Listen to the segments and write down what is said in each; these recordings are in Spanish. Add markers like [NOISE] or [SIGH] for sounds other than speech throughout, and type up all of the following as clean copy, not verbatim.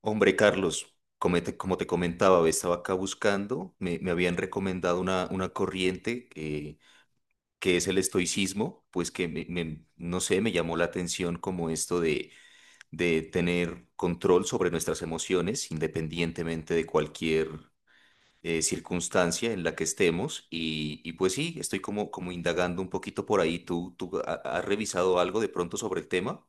Hombre, Carlos, como te comentaba, estaba acá buscando, me habían recomendado una corriente que es el estoicismo, pues que no sé, me llamó la atención como esto de tener control sobre nuestras emociones independientemente de cualquier circunstancia en la que estemos. Y pues sí, estoy como indagando un poquito por ahí. Has revisado algo de pronto sobre el tema?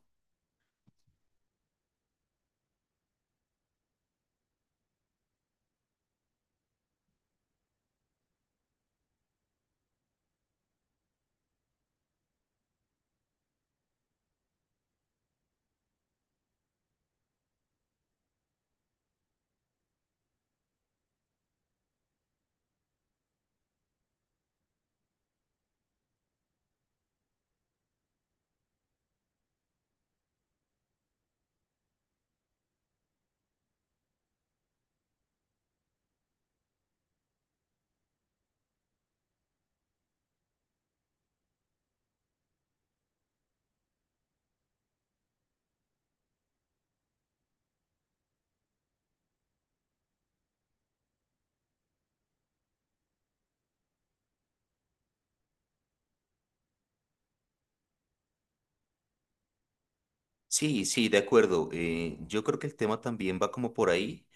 Sí, sí, de acuerdo. Yo creo que el tema también va como por ahí.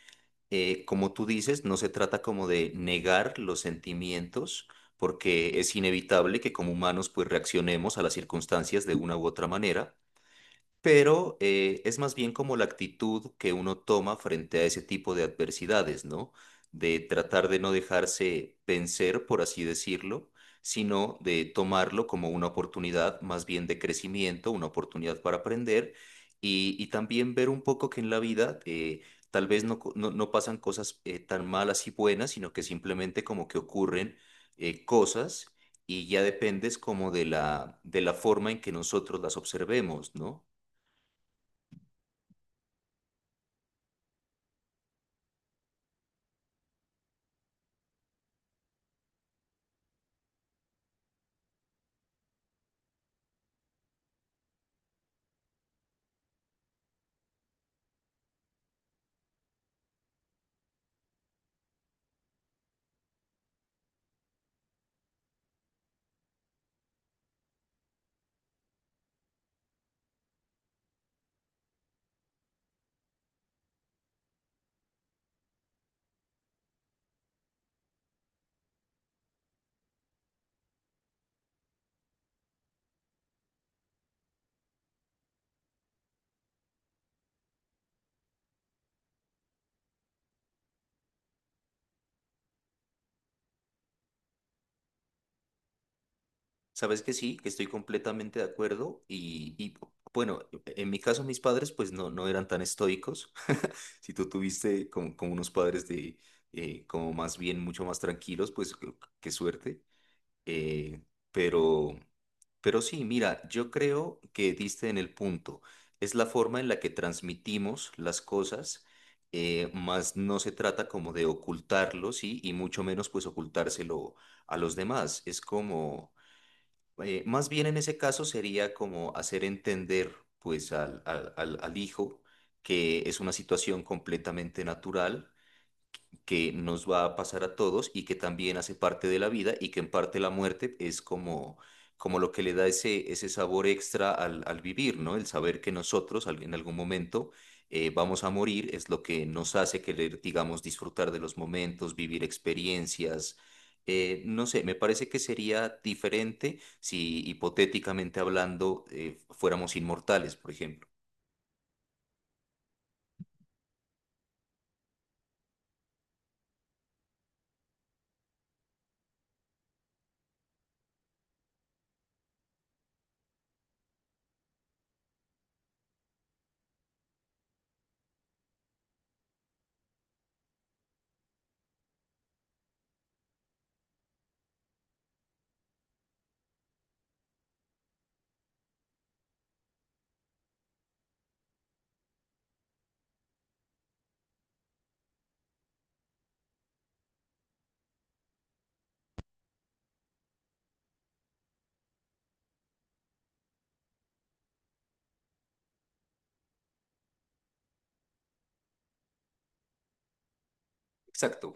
Como tú dices, no se trata como de negar los sentimientos, porque es inevitable que como humanos pues reaccionemos a las circunstancias de una u otra manera, pero es más bien como la actitud que uno toma frente a ese tipo de adversidades, ¿no? De tratar de no dejarse vencer, por así decirlo, sino de tomarlo como una oportunidad más bien de crecimiento, una oportunidad para aprender y también ver un poco que en la vida... tal vez no pasan cosas tan malas y buenas, sino que simplemente como que ocurren cosas, y ya dependes como de de la forma en que nosotros las observemos, ¿no? Sabes que sí, que estoy completamente de acuerdo y, bueno, en mi caso mis padres pues no, no eran tan estoicos. [LAUGHS] Si tú tuviste como, como unos padres de como más bien mucho más tranquilos, pues qué suerte. Eh, pero, pero sí, mira, yo creo que diste en el punto. Es la forma en la que transmitimos las cosas, más no se trata como de ocultarlo, sí, y mucho menos pues ocultárselo a los demás. Es como más bien en ese caso sería como hacer entender pues al hijo que es una situación completamente natural que nos va a pasar a todos y que también hace parte de la vida, y que en parte la muerte es como, como lo que le da ese sabor extra al vivir, ¿no? El saber que nosotros en algún momento vamos a morir es lo que nos hace querer, digamos, disfrutar de los momentos, vivir experiencias. No sé, me parece que sería diferente si hipotéticamente hablando fuéramos inmortales, por ejemplo. Exacto.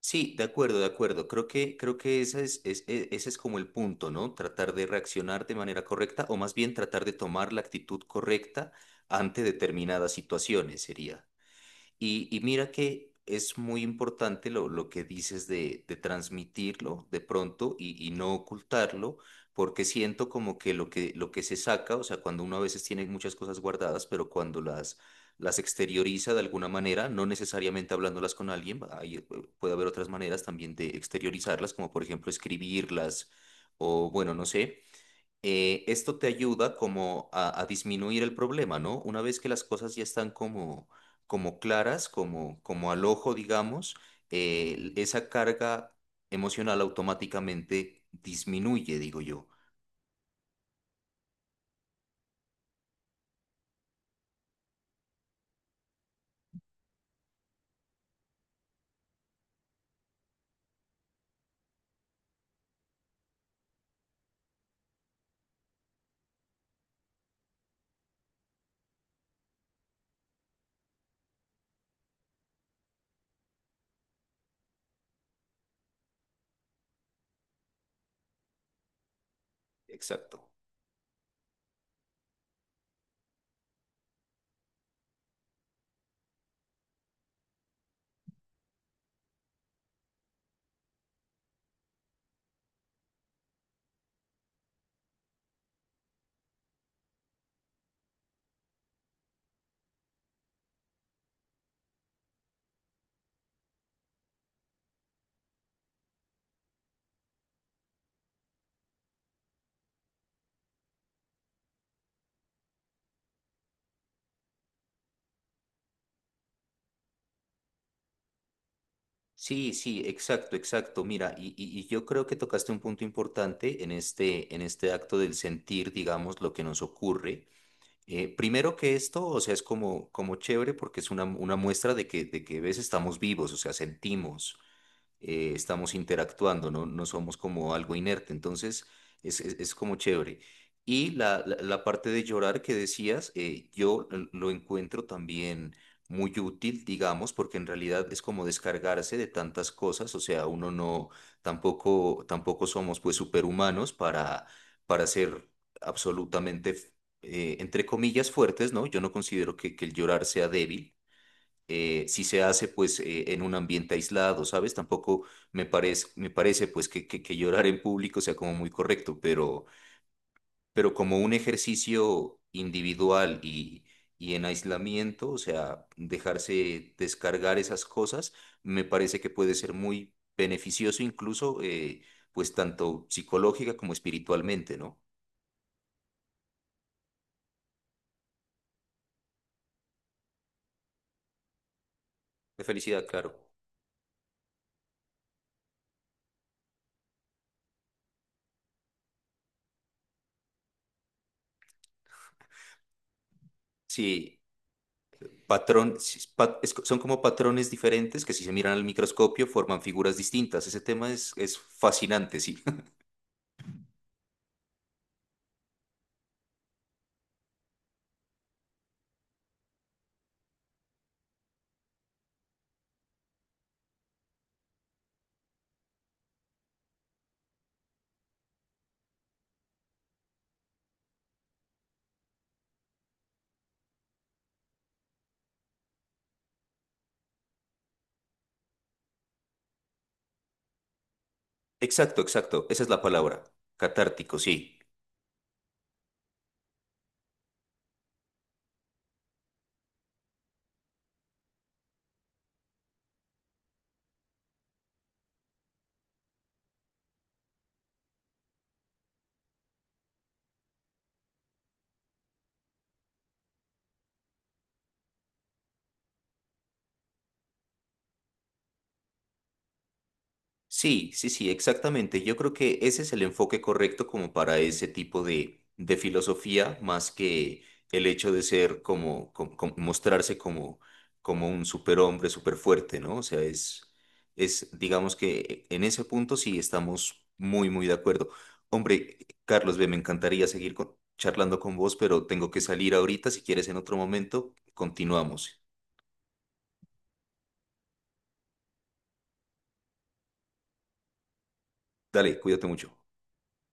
Sí, de acuerdo, de acuerdo. Creo que ese ese es como el punto, ¿no? Tratar de reaccionar de manera correcta, o más bien tratar de tomar la actitud correcta ante determinadas situaciones sería. Y mira que es muy importante lo que dices de transmitirlo de pronto y no ocultarlo, porque siento como que lo que se saca, o sea, cuando uno a veces tiene muchas cosas guardadas, pero cuando las exterioriza de alguna manera, no necesariamente hablándolas con alguien, ahí puede haber otras maneras también de exteriorizarlas, como por ejemplo escribirlas o bueno, no sé, esto te ayuda como a disminuir el problema, ¿no? Una vez que las cosas ya están como, como claras, como, como al ojo, digamos, esa carga emocional automáticamente disminuye, digo yo. Exacto. Sí, sí, exacto, exacto. Mira, y, y yo creo que tocaste un punto importante en este acto del sentir, digamos, lo que nos ocurre. Primero que esto, o sea, es como, como chévere porque es una muestra de que ves, estamos vivos, o sea, sentimos estamos interactuando, ¿no? No somos como algo inerte, entonces es, es como chévere. Y la, la parte de llorar que decías, yo lo encuentro también muy útil, digamos, porque en realidad es como descargarse de tantas cosas, o sea, uno no, tampoco, tampoco somos pues superhumanos para ser absolutamente, entre comillas, fuertes, ¿no? Yo no considero que el llorar sea débil si se hace pues en un ambiente aislado, ¿sabes? Tampoco me parece pues que llorar en público sea como muy correcto, pero como un ejercicio individual y en aislamiento, o sea, dejarse descargar esas cosas, me parece que puede ser muy beneficioso incluso pues tanto psicológica como espiritualmente, ¿no? De felicidad, claro. Sí. Patrón, son como patrones diferentes que si se miran al microscopio forman figuras distintas. Ese tema es fascinante, sí. [LAUGHS] Exacto, exacto. Esa es la palabra. Catártico, sí. Sí, sí, sí, exactamente. Yo creo que ese es el enfoque correcto como para ese tipo de filosofía, más que el hecho de ser como, mostrarse como, como un superhombre, superfuerte, ¿no? O sea, es, digamos que en ese punto sí estamos muy, muy de acuerdo. Hombre, Carlos, ve, me encantaría seguir charlando con vos, pero tengo que salir ahorita. Si quieres, en otro momento, continuamos. Dale, cuídate mucho.